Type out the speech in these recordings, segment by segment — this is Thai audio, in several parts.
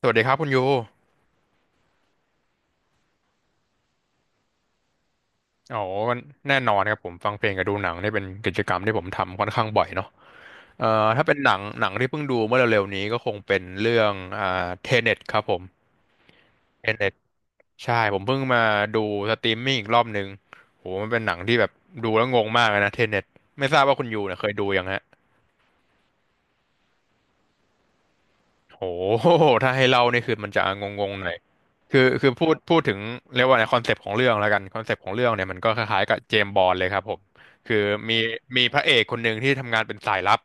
สวัสดีครับคุณยูอ๋อแน่นอนครับผมฟังเพลงกับดูหนังนี่เป็นกิจกรรมที่ผมทำค่อนข้างบ่อยเนาะถ้าเป็นหนังที่เพิ่งดูเมื่อเร็วๆนี้ก็คงเป็นเรื่องเทเน็ตครับผมเทเน็ตใช่ผมเพิ่งมาดูสตรีมมิ่งอีกรอบหนึ่งโหมันเป็นหนังที่แบบดูแล้วงงมากเลยนะเทเน็ตไม่ทราบว่าคุณยูเนี่ยเคยดูยังฮะ โอ้โห ถ้าให้เล่านี่คือมันจะงงๆหน่อยคือพูดถึงเรียกว่าในคอนเซปต์ของเรื่องแล้วกันคอนเซปต์ของเรื่องเนี่ยมันก็คล้ายๆกับเจมส์บอนด์เลยครับผมคือมีมีพระเอกคนหนึ่งที่ทำงานเป็นสายลับ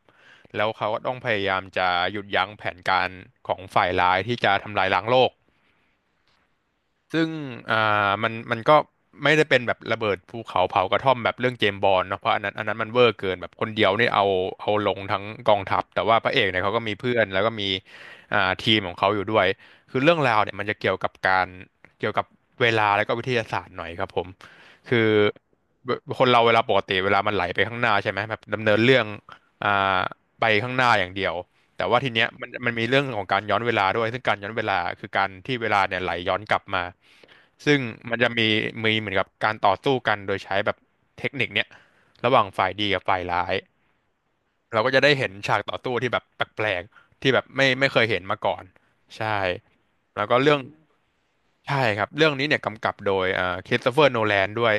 แล้วเขาก็ต้องพยายามจะหยุดยั้งแผนการของฝ่ายร้ายที่จะทำลายล้างโลก ซึ่งอ่ามันก็ไม่ได้เป็นแบบระเบิดภูเขาเผากระท่อมแบบเรื่องเจมส์บอนด์เนาะเพราะอันนั้นมันเวอร์เกินแบบคนเดียวนี่เอาลงทั้งกองทัพแต่ว่าพระเอกเนี่ยเขาก็มีเพื่อนแล้วก็มีทีมของเขาอยู่ด้วยคือเรื่องราวเนี่ยมันจะเกี่ยวกับการเกี่ยวกับเวลาแล้วก็วิทยาศาสตร์หน่อยครับผมคือเวคนเราเวลาปกติเวลามันไหลไปข้างหน้าใช่ไหมแบบดำเนินเรื่องอ่าไปข้างหน้าอย่างเดียว แต่ว่าทีเนี้ยมันมีเรื่องของการย้อนเวลาด้วยซึ่งการย้อนเวลาคือการที่เวลาเนี่ยไหลย้อนกลับมาซึ่งมันจะมีเหมือนกับการต่อสู้กันโดยใช้แบบเทคนิคเนี้ยระหว่างฝ่ายดีกับฝ่ายร้าย เราก็จะได้เห็นฉากต่อสู้ที่แบบแปลกๆที่แบบไม่เคยเห็นมาก่อนใช่แล้วก็เรื่องใช่ครับเรื่องนี้เนี่ยกำกับโดยคริสโตเฟอร์โนแลนด้วย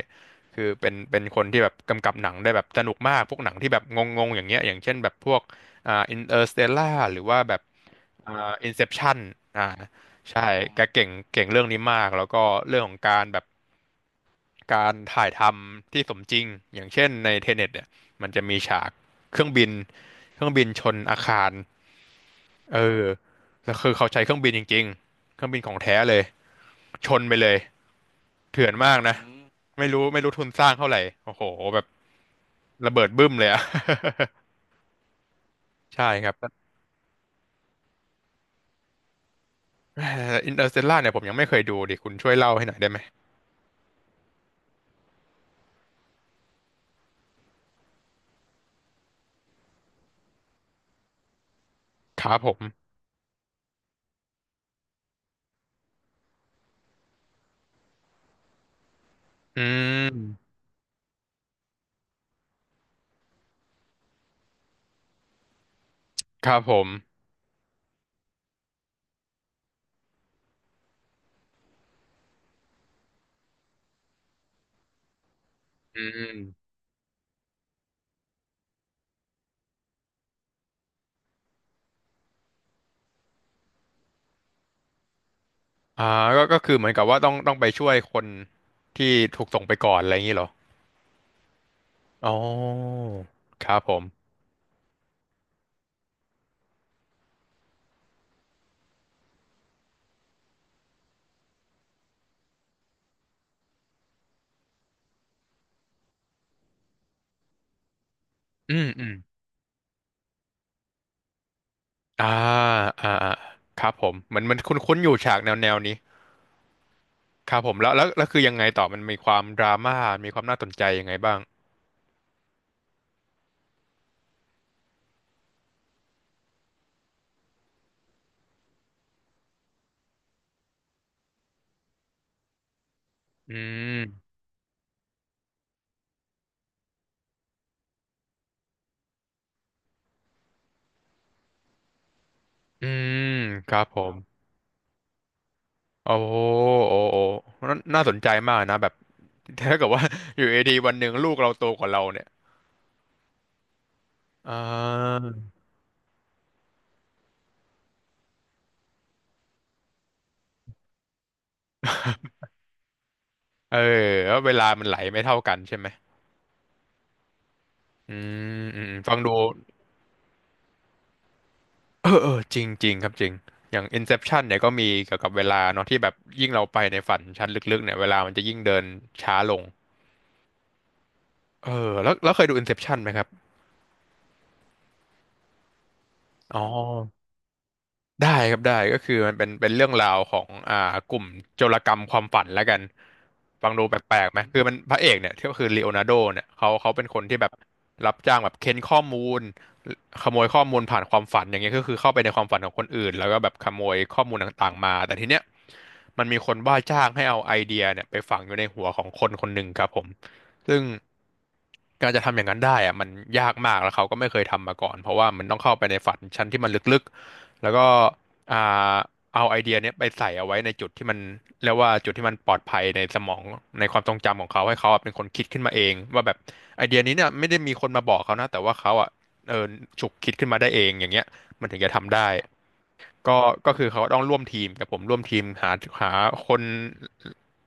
คือเป็นคนที่แบบกำกับหนังได้แบบสนุกมากพวกหนังที่แบบงงๆอย่างเงี้ยอย่างเช่นแบบพวกอินเตอร์สเตลล่าหรือว่าแบบอินเซปชั่นอ่า ใช่แกเก่งเรื่องนี้มากแล้วก็เรื่องของการแบบการถ่ายทำที่สมจริงอย่างเช่นในเทเน็ตเนี่ยมันจะมีฉากเครื่องบินเครื่องบินชนอาคารเออแล้วคือเขาใช้เครื่องบินจริงๆเครื่องบินของแท้เลยชนไปเลยเถื่อนมากอืนะอืมไม่รู้ทุนสร้างเท่าไหร่โอ้โหแบบระเบิดบึ้มเลยอะ ใช่ครับอินเตอร์สเตลล่าเนี่ยผมยังไม่เคยดูดิคุณช่วยเล่าให้หน่อยได้ไหมครับผม อืมครับผมอืมอ่าก็คือเหมือนกับว่าต้องไปช่วยคนที่ถูกส่งไปก่อนอะไรอย่างนี้เหรออ๋อครับผม อืม อืมอ่าอ่าอ่าครับผม เหมือนมันคุ้นๆอยู่ฉากแนวนี้ครับผมแล้วคือยังไงต่อมันมีความดราม่ามีความน่าสนใจยังไงบ้างอืมอืมครับผมโอ้โหโอ้โหน่าน่าสนใจมากนะแบบ ถ้าเกิดว่า อยู่ดีๆวันหนึ่งลูกเราโตกว่าเราเนี่ยอ่า เออแล้วเวลามันไหลไม่เท่ากันใช่ไหมอืมอืมฟังดูเออเออจริงจริงครับจริงอย่าง Inception เนี่ยก็มีเกี่ยวกับเวลาเนาะที่แบบยิ่งเราไปในฝันชั้นลึกๆเนี่ยเวลามันจะยิ่งเดินช้าลงเออแล้วเคยดู Inception ไหมครับอ๋อ ได้ครับได้ก็คือมันเป็นเรื่องราวของกลุ่มโจรกรรมความฝันแล้วกันฟังดูแปลกๆไหมคือมันพระเอกเนี่ยที่ก็คือลีโอนาร์โดเนี่ยเขาเป็นคนที่แบบรับจ้างแบบเค้นข้อมูลขโมยข้อมูลผ่านความฝันอย่างเงี้ยก็คือเข้าไปในความฝันของคนอื่นแล้วก็แบบขโมยข้อมูลต่างๆมาแต่ทีเนี้ยมันมีคนว่าจ้างให้เอาไอเดียเนี่ยไปฝังอยู่ในหัวของคนคนหนึ่งครับผม ซึ่งการจะทำอย่างนั้นได้อะมันยากมากแล้วเขาก็ไม่เคยทำมาก่อนเพราะว่ามันต้องเข้าไปในฝันชั้นที่มันลึกๆแล้วก็อ่าเอาไอเดียเนี้ยไปใส่เอาไว้ในจุดที่มันเรียกว่าจุดที่มันปลอดภัยในสมองในความทรงจำของเขาให้เขาอะเป็นคนคิดขึ้นมาเองว่าแบบไอเดียนี้เนี่ยไม่ได้มีคนมาบอกเขานะแต่ว่าเขาอ่ะเออฉุกคิดขึ้นมาได้เองอย่างเงี้ยมันถึงจะทำได้ก็ก็คือเขาต้องร่วมทีมกับผมร่วมทีมหาคน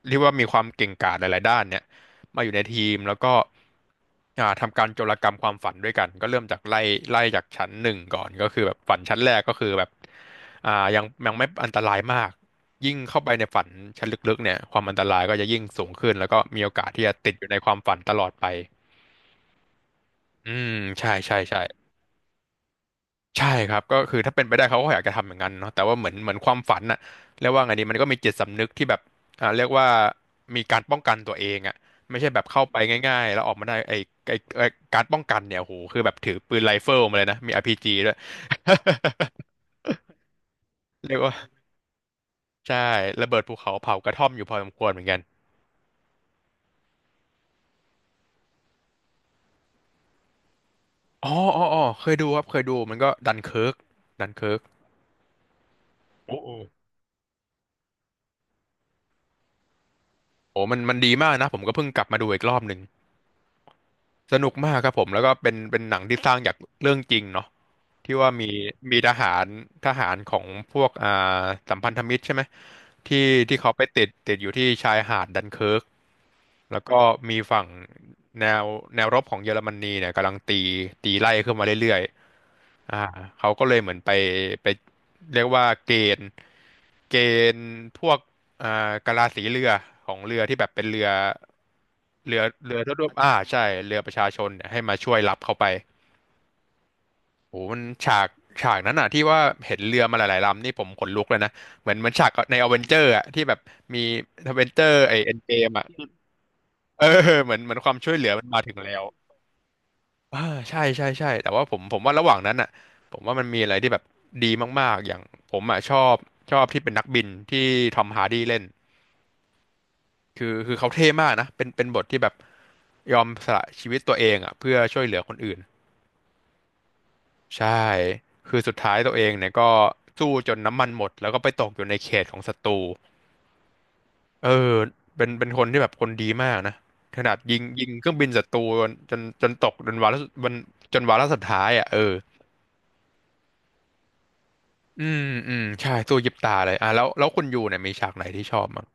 เรียกว่ามีความเก่งกาจหลายๆด้านเนี่ย มาอยู่ในทีมแล้วก็ทำการโจรกรรมความฝันด้วยกันก็เริ่มจากไล่จากชั้นหนึ่งก่อนก็คือแบบฝันชั้นแรกก็คือแบบยังไม่อันตรายมากยิ่งเข้าไปในฝันชั้นลึกๆเนี่ยความอันตรายก็จะยิ่งสูงขึ้นแล้วก็มีโอกาสที่จะติดอยู่ในความฝันตลอดไปอืมใช่ใช่ใช่ ใช่ครับก็คือถ้าเป็นไปได้เขาก็อยากจะทำเหมือนกั้นเนาะแต่ว่าเหมือนความฝันน่ะเรียกว่าไงดีมันก็มีจิตสำนึกที่แบบเรียกว่ามีการป้องกันตัวเองอ่ะไม่ใช่แบบเข้าไปง่ายๆแล้วออกมาได้ไอ้การป้องกันเนี่ยโโหคือแบบถือปืนไรเฟิลมาเลยนะมีอาร์พีจีด้วย เรียกว่าใช่ระเบิดภูเขาเผากระท่อมอยู่พอสมควรเหมือนกันอ๋ออ๋ออ๋อเคยดูครับเคยดูมันก็ดันเคิร์กดันเคิร์กโอ้โหโอ้มันดีมากนะผมก็เพิ่งกลับมาดูอีกรอบหนึ่ง สนุกมากครับผมแล้วก็เป็นหนังที่สร้างจากเรื่องจริงเนาะที่ว่ามีทหารของพวกสัมพันธมิตรใช่ไหมที่ที่เขาไปติดอยู่ที่ชายหาดดันเคิร์กแล้วก็มีฝั่งแนวแนวรบของเยอรมนีเนี่ยกำลังตีไล่ขึ้นมาเรื่อยๆเขาก็เลยเหมือนไปเรียกว่าณฑ์เกณฑ์พวก อ่ากะลาสีเรือของเรือที่แบบเป็นเรือทั่วๆใช่เรือประชาชนเนี่ยให้มาช่วยรับเข้าไปโอ้โหมันฉากนั้นอ่ะที่ว่าเห็นเรือมาหลายๆลำนี่ผมขนลุกเลยนะเหมือนฉากในอเวนเจอร์อ่ะที่แบบมีอเวนเจอร์ไอเอ็นเกมอ่ะเออเหมือนความช่วยเหลือมันมาถึงแล้วอ่าใช่ใช่ใช่แต่ว่าผมว่าระหว่างนั้นอ่ะผมว่ามันมีอะไรที่แบบดีมากๆอย่างผมอ่ะชอบที่เป็นนักบินที่ทอมฮาร์ดีเล่น คือเขาเท่มากนะเป็นบทที่แบบยอมสละชีวิตตัวเองอ่ะเพื่อช่วยเหลือคนอื่นใช่คือสุดท้ายตัวเองเนี่ยก็สู้จนน้ำมันหมดแล้วก็ไปตกอยู่ในเขตของศัตรูเออเป็นคนที่แบบคนดีมากนะขนาดยิงเครื่องบินศัตรูจนตกจนวาระจนจนวาระสุดท้ายอ่ะเอออืมอืมใช่สู้ยิบตาเลยอ่ะแล้วคุณยูเนี่ยมีฉากไหนที่ชอบมั้ง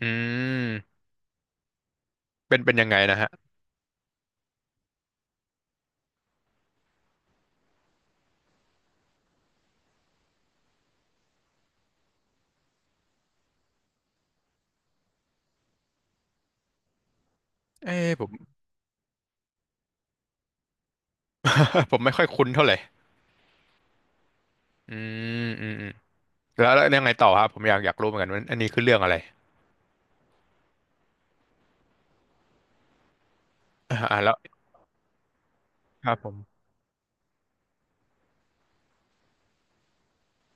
อืมเป็นยังไงนะฮะเอ้ผม ผมไม่ค่อยคุ้นเท่าไหร่อืมอืมอืม แล้วยังไงต่อครับผมอยากรู้เหมือนกันว่าอันนี้คือเรื่องอะไรอ่าอ่าแล้วครับผม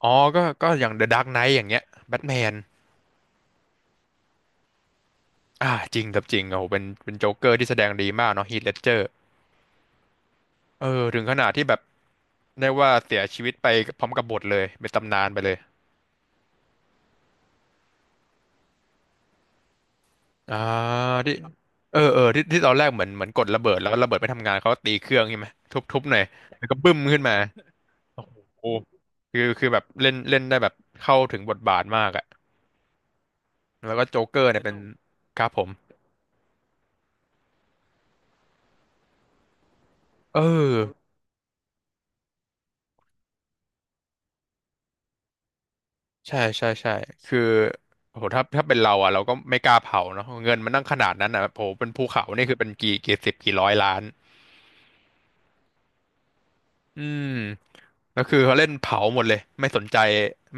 อ๋อก็อย่าง The Dark Knight อย่างเงี้ยแบทแมนอ่าจริงกับจริงโอ้โหเป็นโจ๊กเกอร์ที่แสดงดีมากเนาะฮีทเลดเจอร์เออถึงขนาดที่แบบได้ว่าเสียชีวิตไปพร้อมกับบทเลยเป็นตำนานไปเลยอ่าที่เออเออที่ที่ตอนแรกเหมือนกดระเบิดแล้วระเบิดไม่ทำงานเขาก็ตีเครื่องใช่ไหมทุบทุบหน่อยแล้วก็บึ้มขึ้นมาโอ้โหคือแบบเล่นเล่นได้แบบเข้าถึงบทบาทมากอะแล้วก็โจ๊กเกอร์เนี่ยเป็นครับผม เออใช่ใช่ใช่คือโหถ้าเป็นเราอ่ะเราก็ไม่กล้าเผาเนาะเงินมันนั่งขนาดนั้นอ่ะโอ้โหเป็นภูเขานี่คือเป็นกี่สิบกี่ร้อยล้านอืมแล้วคือเขาเล่นเผาหมดเลยไม่สนใจ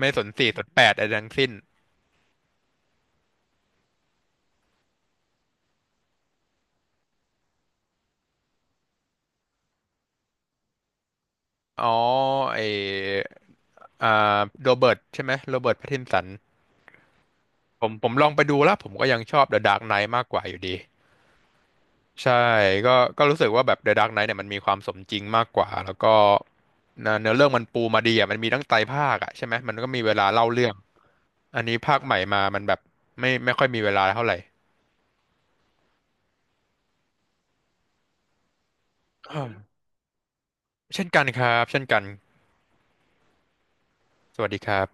ไม่สนสี่สนแปดอะไรทั้งสิ้นอ๋อไออ่าโรเบิร์ตใช่ไหมโรเบิร์ตแพตตินสันผมลองไปดูแล้วผมก็ยังชอบ The Dark Knight มากกว่าอยู่ดี ใช่ก็ก็รู้สึกว่าแบบ The Dark Knight เนี่ยมันมีความสมจริงมากกว่าแล้วก็เนื้อเรื่องมันปูมาดีอ่ะมันมีตั้งไตรภาคอ่ะใช่ไหมมันก็มีเวลาเล่าเรื่องอันนี้ภาคใหม่มา มันแบบไม่ค่อยมีเวลาเท่าไหร่ เช่นกันครับเช่นกันสวัสดีครับ